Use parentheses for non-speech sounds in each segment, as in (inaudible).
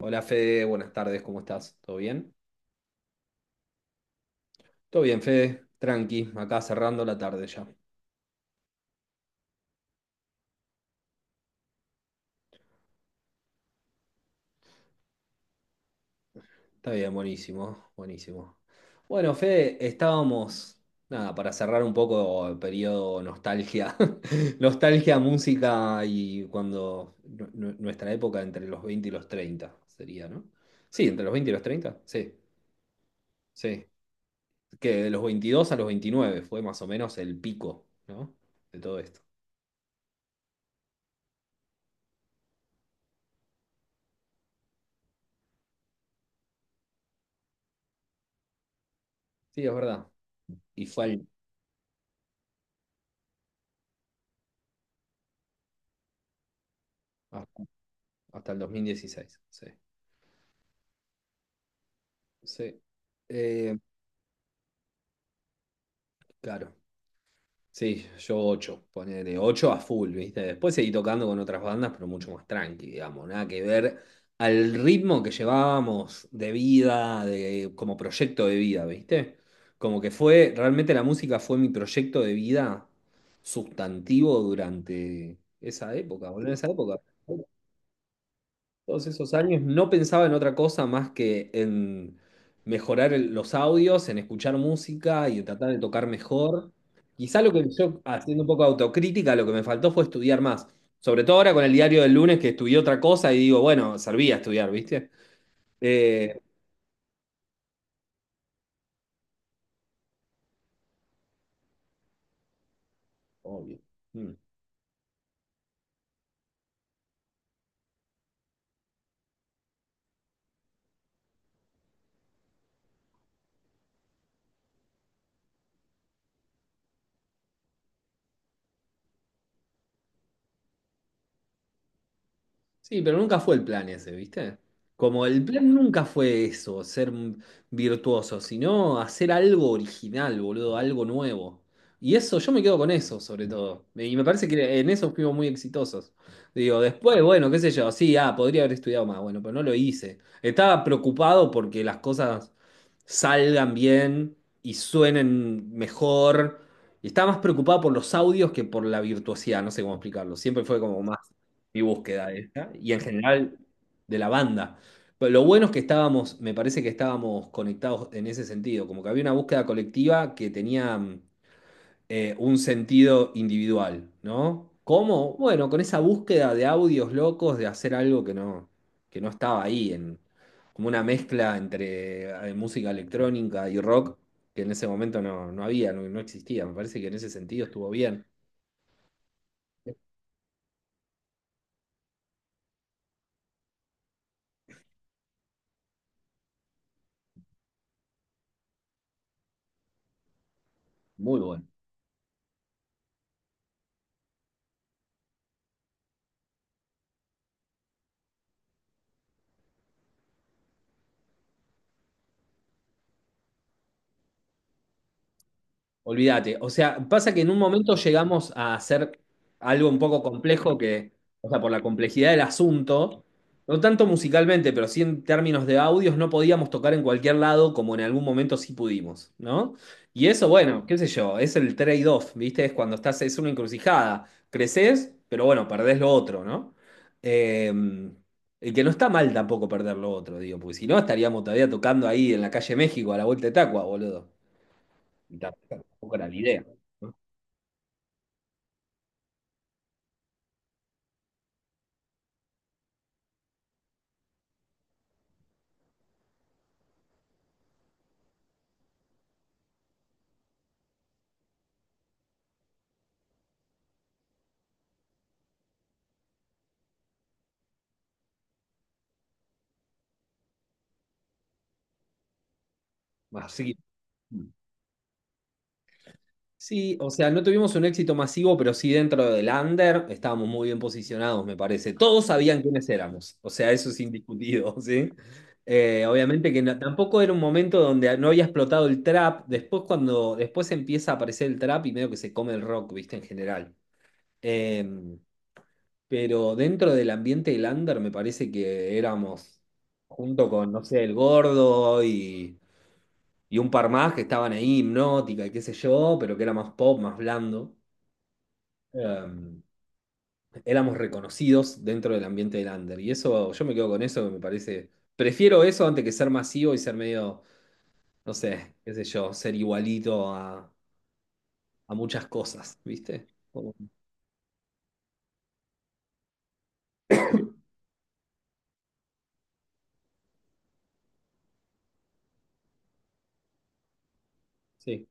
Hola Fede, buenas tardes, ¿cómo estás? ¿Todo bien? Todo bien, Fede, tranqui, acá cerrando la tarde ya. Está bien, buenísimo, buenísimo. Bueno, Fede, estábamos, nada, para cerrar un poco el periodo nostalgia, (laughs) nostalgia, música y cuando nuestra época entre los 20 y los 30, sería, ¿no? Sí, entre los 20 y los 30, sí. Que de los 22 a los 29 fue más o menos el pico, ¿no? De todo esto. Sí, es verdad. Y fue al- hasta el 2016, sí. Sí. Eh, claro. Sí, yo 8, ponele 8 a full, ¿viste? Después seguí tocando con otras bandas, pero mucho más tranqui, digamos, nada que ver al ritmo que llevábamos de vida, de, como proyecto de vida, ¿viste? Como que fue, realmente la música fue mi proyecto de vida sustantivo durante esa época, boludo, en esa época. Todos esos años no pensaba en otra cosa más que en mejorar los audios, en escuchar música y en tratar de tocar mejor. Quizá lo que yo, haciendo un poco de autocrítica, lo que me faltó fue estudiar más. Sobre todo ahora con el diario del lunes que estudié otra cosa y digo, bueno, servía estudiar, ¿viste? Eh, obvio. Sí, pero nunca fue el plan ese, ¿viste? Como el plan nunca fue eso, ser un virtuoso, sino hacer algo original, boludo, algo nuevo. Y eso, yo me quedo con eso, sobre todo. Y me parece que en eso fuimos muy exitosos. Digo, después, bueno, qué sé yo, sí, ah, podría haber estudiado más, bueno, pero no lo hice. Estaba preocupado porque las cosas salgan bien y suenen mejor. Y estaba más preocupado por los audios que por la virtuosidad, no sé cómo explicarlo. Siempre fue como más mi búsqueda esta, y en general de la banda. Pero lo bueno es que estábamos, me parece que estábamos conectados en ese sentido, como que había una búsqueda colectiva que tenía un sentido individual, ¿no? ¿Cómo? Bueno, con esa búsqueda de audios locos, de hacer algo que que no estaba ahí, en, como una mezcla entre música electrónica y rock, que en ese momento no había, no existía. Me parece que en ese sentido estuvo bien. Muy bueno. Olvídate. O sea, pasa que en un momento llegamos a hacer algo un poco complejo o sea, por la complejidad del asunto, no tanto musicalmente, pero sí en términos de audios, no podíamos tocar en cualquier lado como en algún momento sí pudimos, ¿no? Y eso, bueno, qué sé yo, es el trade-off, ¿viste? Es cuando estás, es una encrucijada. Creces, pero bueno, perdés lo otro, ¿no? Eh, y que no está mal tampoco perder lo otro, digo, porque si no estaríamos todavía tocando ahí en la calle México a la vuelta de Tacua, boludo. Y tampoco era la idea. Así sí, o sea, no tuvimos un éxito masivo, pero sí dentro del under estábamos muy bien posicionados, me parece. Todos sabían quiénes éramos, o sea, eso es indiscutido, (laughs) ¿sí? Obviamente que tampoco era un momento donde no había explotado el trap. Después, cuando después empieza a aparecer el trap y medio que se come el rock, viste, en general. Em, pero dentro del ambiente del under me parece que éramos junto con, no sé, el Gordo y un par más que estaban ahí, Hipnótica y qué sé yo, pero que era más pop, más blando. Em, éramos reconocidos dentro del ambiente del under. Y eso, yo me quedo con eso, que me parece. Prefiero eso antes que ser masivo y ser medio, no sé, qué sé yo, ser igualito a muchas cosas, ¿viste? Como- sí,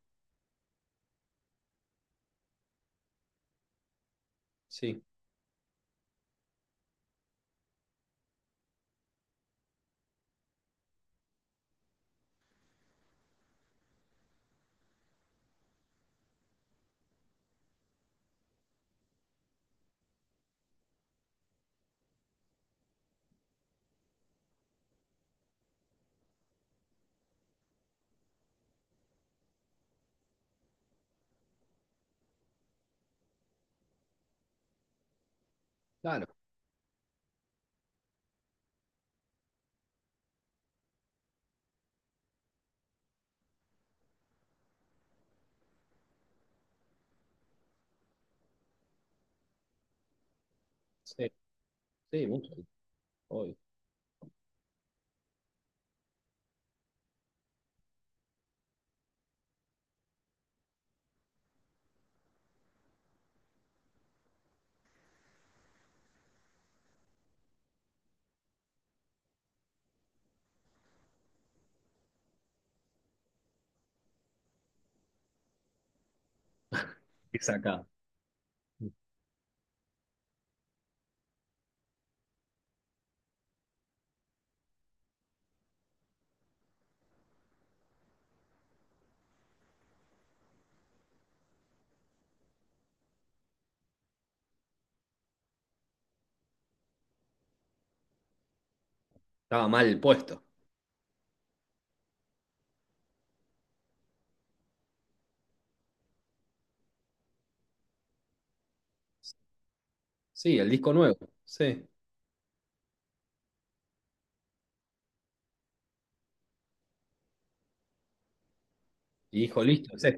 sí, claro, sí, sí, mucho. Obvio. ¿Qué saca? Estaba mal puesto. Sí, el disco nuevo, sí. Y dijo, listo, sí.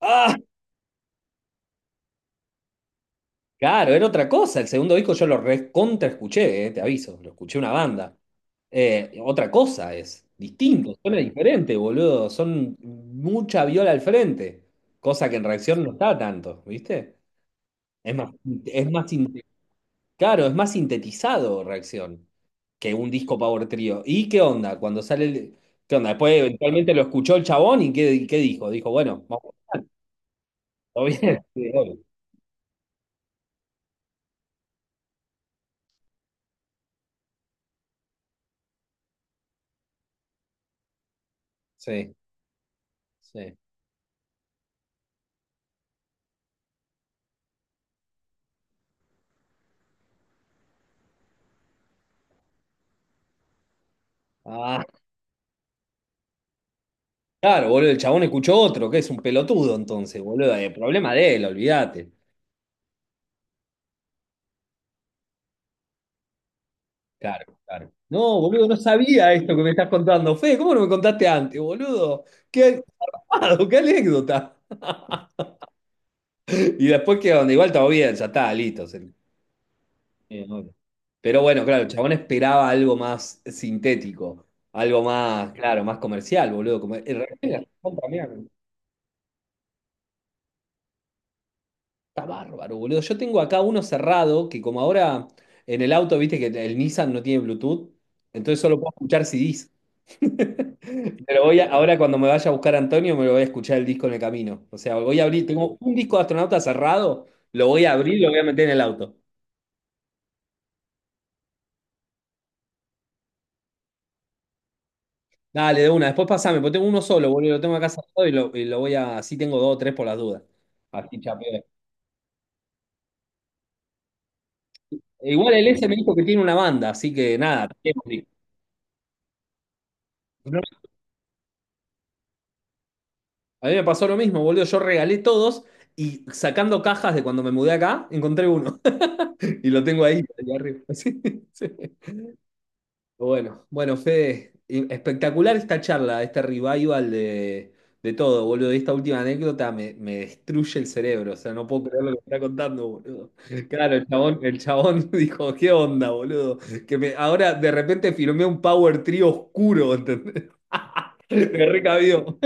¡Ah! Claro, era otra cosa. El segundo disco yo lo recontra escuché, te aviso, lo escuché una banda. Otra cosa es, distinto, suena diferente, boludo. Son mucha viola al frente, cosa que en reacción no está tanto, ¿viste? Es más, sinte- claro, es más sintetizado reacción que un disco Power Trio. ¿Y qué onda? Cuando sale ¿qué onda? Después eventualmente lo escuchó el chabón y ¿qué dijo? Dijo, bueno, vamos, todo bien. (laughs) Sí, obvio. Sí. Sí. Ah. Claro, boludo, el chabón escuchó otro, que es un pelotudo entonces, boludo. El problema de él, olvídate. Claro, claro. No, boludo, no sabía esto que me estás contando. Fede, ¿cómo no me contaste antes, boludo? Qué armado, qué anécdota. (laughs) Y después que donde igual todo bien, ya está, listo. No. Pero bueno, claro, el chabón esperaba algo más sintético, algo más, claro, más comercial, boludo. Como- re- contra mierda. Está bárbaro, boludo. Yo tengo acá uno cerrado que como ahora en el auto, viste que el Nissan no tiene Bluetooth, entonces solo puedo escuchar CDs. (laughs) Pero ahora cuando me vaya a buscar a Antonio, me lo voy a escuchar el disco en el camino. O sea, voy a abrir, tengo un disco de astronauta cerrado, lo voy a abrir y lo voy a meter en el auto. Dale, de una, después pasame, porque tengo uno solo, boludo, lo tengo acá cerrado y y lo voy a, así tengo dos o tres por las dudas. Así chapeo. Igual el S me dijo que tiene una banda, así que nada, tenemos disco. A mí me pasó lo mismo, boludo. Yo regalé todos y sacando cajas de cuando me mudé acá, encontré uno. (laughs) Y lo tengo ahí, ahí arriba. (laughs) Sí, sí. Bueno, bueno, Fede, espectacular esta charla, este revival de todo, boludo. Y esta última anécdota me destruye el cerebro. O sea, no puedo creer lo que me está contando, boludo. Claro, el chabón (laughs) dijo, ¿qué onda, boludo? Que me, ahora de repente firmé un power trio oscuro, ¿entendés? (laughs) Me recabió.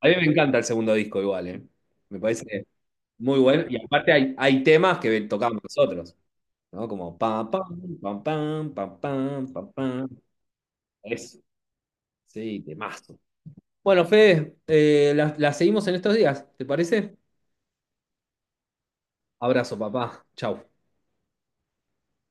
A mí me encanta el segundo disco igual, ¿eh? Me parece muy bueno. Y aparte hay temas que tocamos nosotros, ¿no? Como pam, pam, pam, pam, pam, pam, pam, pam. Eso, sí, temazo. Bueno, Fede, la seguimos en estos días, ¿te parece? Abrazo, papá. Chau.